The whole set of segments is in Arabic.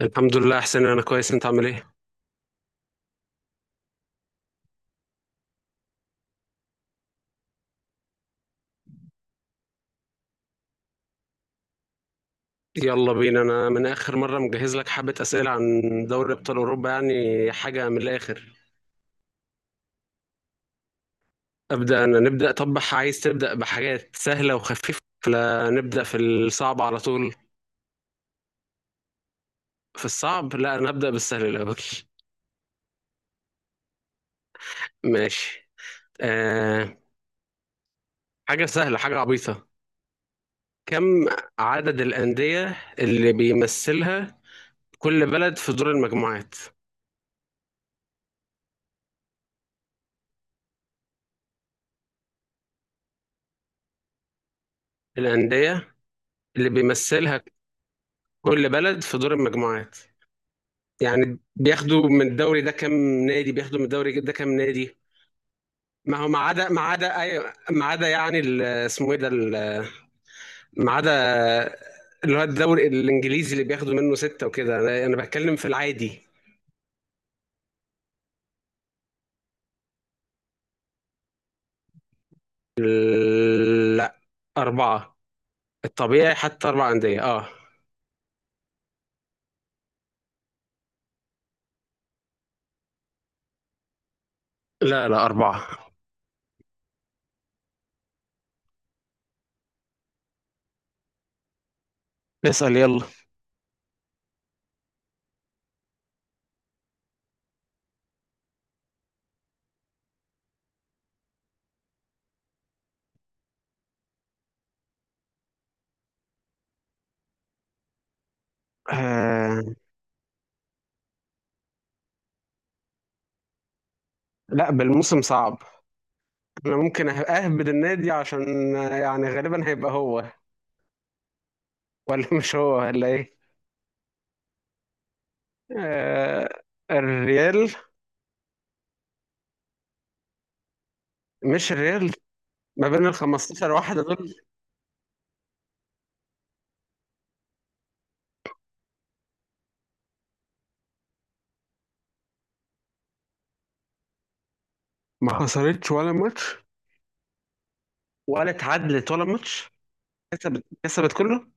الحمد لله احسن. انا كويس، انت عامل ايه؟ يلا بينا، انا من اخر مره مجهز لك حبه اسئله عن دوري ابطال اوروبا، يعني حاجه من الاخر. ابدا نبدا. طب عايز تبدا بحاجات سهله وخفيفه ولا نبدا في الصعب على طول؟ في الصعب؟ لا، انا هبدا بالسهل الاول. ماشي. آه. حاجه سهله، حاجه عبيطه. كم عدد الانديه اللي بيمثلها كل بلد في دور المجموعات؟ الانديه اللي بيمثلها كل بلد في دور المجموعات، يعني بياخدوا من الدوري ده كام نادي، بياخدوا من الدوري ده كام نادي؟ ما هو، ما عدا ما عدا أي- ما عدا يعني ال- اسمه ايه ده؟ ما عدا اللي هو الدوري الانجليزي اللي بياخدوا منه ستة وكده، انا بتكلم في العادي. لا، أربعة. الطبيعي حتى أربع أندية. اه. لا لا، أربعة. اسأل يلا. آه. لا، بالموسم صعب. انا ممكن اهبد النادي عشان، يعني غالبا هيبقى هو ولا مش هو ولا ايه؟ آه، الريال. مش الريال؟ ما بين ال 15 واحدة دول. ما خسرتش ولا ماتش، ولا اتعادلت ولا ماتش. كسبت كله.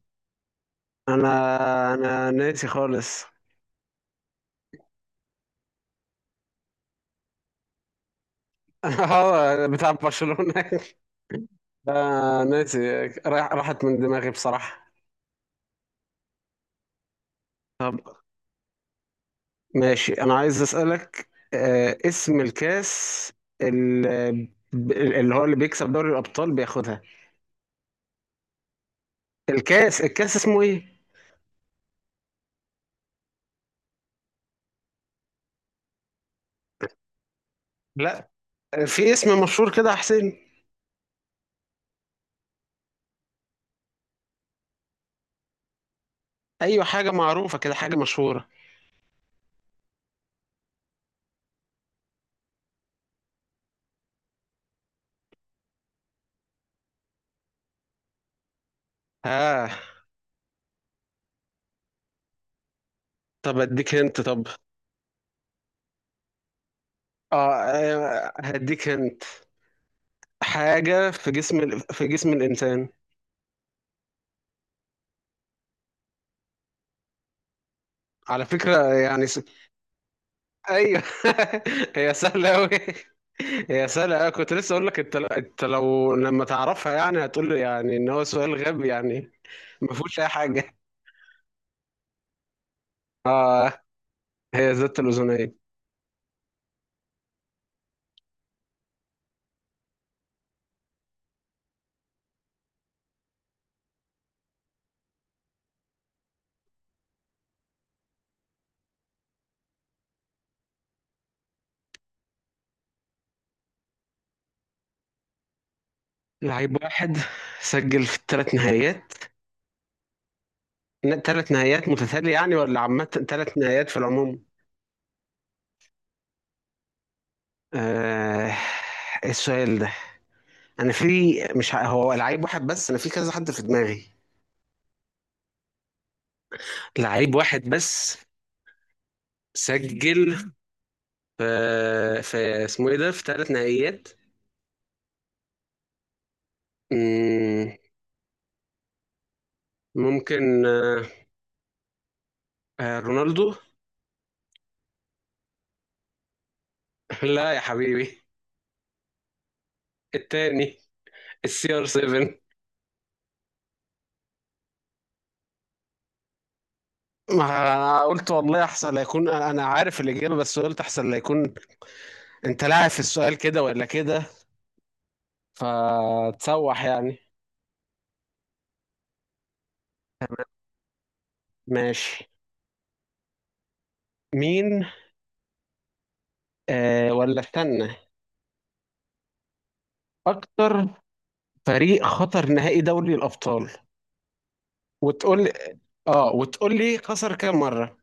انا ناسي خالص. اه، بتاع برشلونة. ناسي. راحت من دماغي بصراحة. ماشي. انا عايز اسألك، اسم الكاس ال- اللي هو اللي بيكسب دوري الابطال بياخدها، الكاس الكاس اسمه ايه؟ لا. في اسم مشهور كده يا حسين. ايوه، حاجه معروفه كده، حاجه مشهوره. اه. طب اديك هنت. طب. اه. هديك هنت. حاجه في جسم الانسان، على فكره. يعني ايوه. هي سهله قوي. هي سهله أوي. كنت لسه اقول لك، انت لو لما تعرفها يعني هتقول لي يعني ان هو سؤال غبي يعني، ما فيهوش اي حاجه. هي ذات الاذنين. لعيب واحد سجل في الثلاث نهائيات. ثلاث نهائيات متتاليه يعني ولا عامه، ثلاث نهائيات في العموم؟ آه. السؤال ده، انا في مش ه- هو لعيب واحد بس، انا في كذا حد في دماغي. لعيب واحد بس سجل في اسمه ايه ده، في ثلاث نهائيات. مم، ممكن آه. رونالدو. لا يا حبيبي، التاني، السي ار 7. ما قلت والله احسن لا يكون انا عارف الاجابه، بس قلت احسن لا يكون انت لاعب في السؤال كده ولا كده، فتسوح يعني. ماشي. مين، ولا استنى، اكتر فريق خطر نهائي دوري الابطال، وتقول لي، اه وتقول لي خسر كام مره.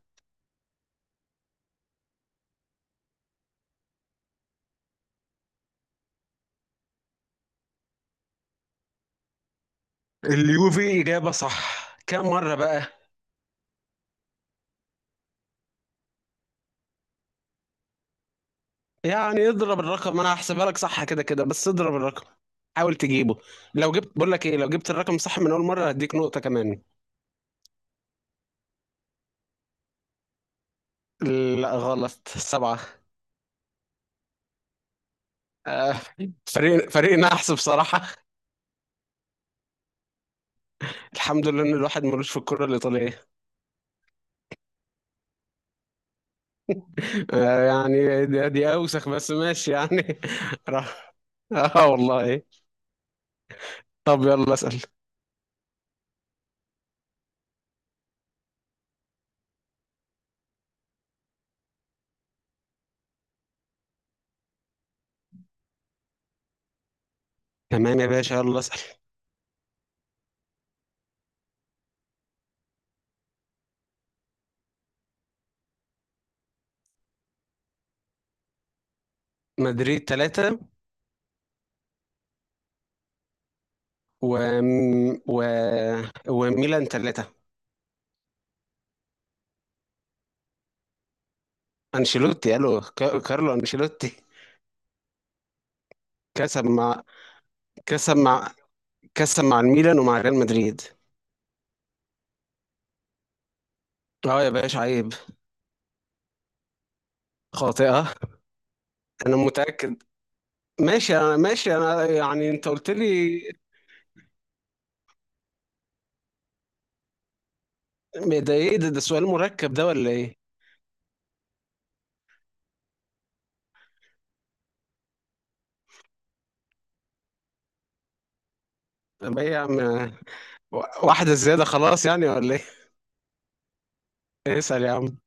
اليوفي اجابه صح، كام مره بقى؟ يعني اضرب الرقم، انا هحسبها لك. صح كده كده، بس اضرب الرقم. حاول تجيبه. لو جبت بقول لك ايه، لو جبت الرقم صح من اول مره هديك نقطه كمان. لا غلط، سبعه. آه، فريق نحس بصراحه. الحمد لله ان الواحد ملوش في الكره الايطاليه. يعني دي اوسخ، بس ماشي يعني. راح. اه والله. طب يلا اسال. تمام يا باشا، يلا اسال. مدريد ثلاثة، و... و... وميلان ثلاثة. انشيلوتي. كارلو انشيلوتي. كسب مع كسب مع كسب مع الميلان ومع ريال مدريد. اه يا باشا عيب. خاطئة؟ انا متأكد. ماشي انا، ماشي انا، يعني انت قلت لي. ده ايه ده، سؤال مركب ده ولا ايه؟ طب ايه يا عم؟ واحدة زيادة خلاص يعني ولا ايه؟ اسأل يا عم.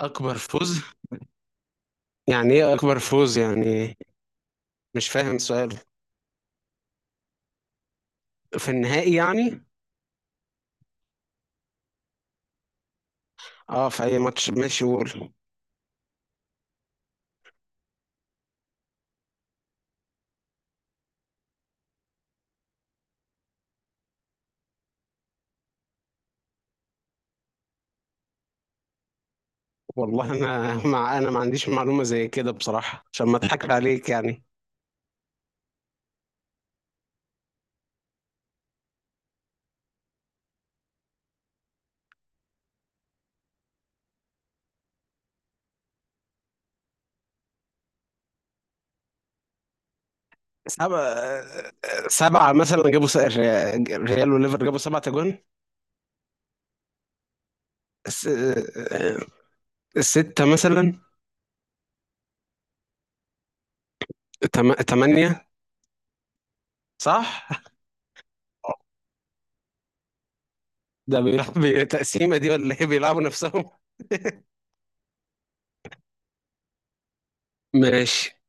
أكبر فوز؟ يعني ايه أكبر فوز يعني؟ مش فاهم سؤال. في النهائي يعني؟ اه في أي ماتش، ماشي قول. والله أنا مع أنا ما عنديش معلومة زي كده بصراحة، عشان ما أضحكش عليك يعني. سبعة. سبعة مثلا جابوا، ريال وليفر جابوا سبعة أجوان. س- ستة مثلا. تمانية. صح؟ ده بيلعب تقسيمة دي ولا ايه، بيلعبوا نفسهم؟ ماشي.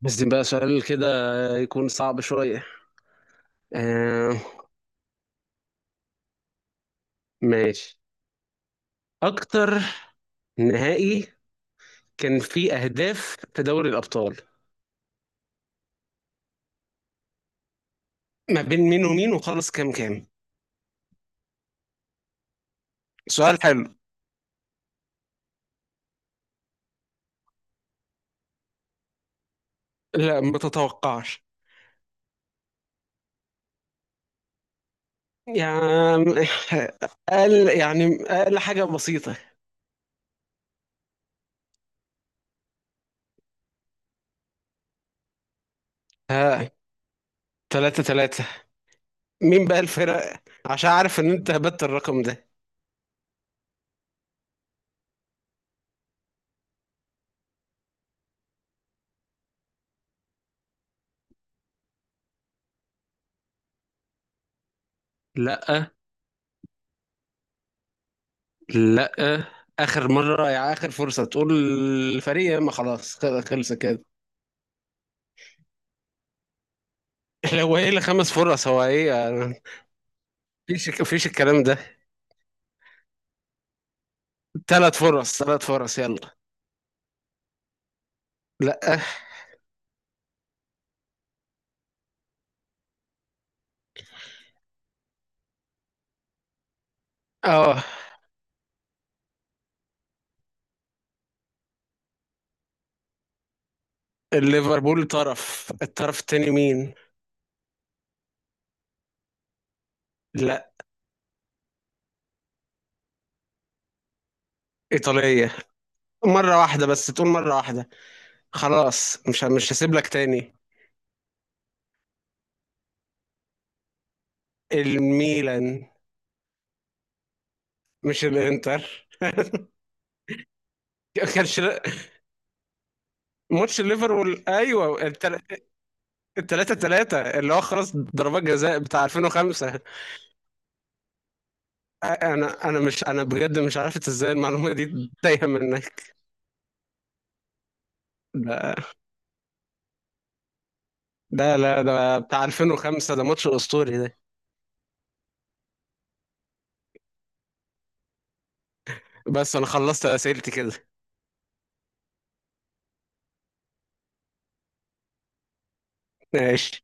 بس بقى سؤال كده يكون صعب شوية. آه. ماشي. أكتر نهائي كان فيه أهداف في دوري الأبطال، ما بين مين ومين، وخلص كام كام؟ سؤال حلو. لا ما تتوقعش. يعني أقل، يعني أقل حاجة بسيطة. ها. تلاتة تلاتة. مين بقى الفرق؟ عشان عارف إن أنت هبت الرقم ده. لأ. لأ، آخر مرة، يا آخر فرصة تقول الفريق، ما خلاص. خلص كده. هو ايه اللي خمس فرص، هو ايه مفيش الكلام ده. ثلاث فرص، ثلاث فرص يلا. لا. اه. الليفربول. طرف الطرف التاني مين؟ لا. ايطالية. مرة واحدة بس تقول، مرة واحدة. خلاص مش هسيب لك تاني. الميلان. مش الانتر. كانش ماتش الليفربول، ايوه التلاتة تلاتة اللي هو خلاص، ضربات جزاء بتاع 2005. انا بجد مش عارف ازاي المعلومة دي تايهة منك. ده. ده لا ده بتاع 2005، ده ماتش اسطوري ده. بس انا خلصت اسئلتي كده. ماشي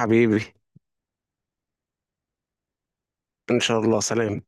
حبيبي. ان شاء الله. سلام.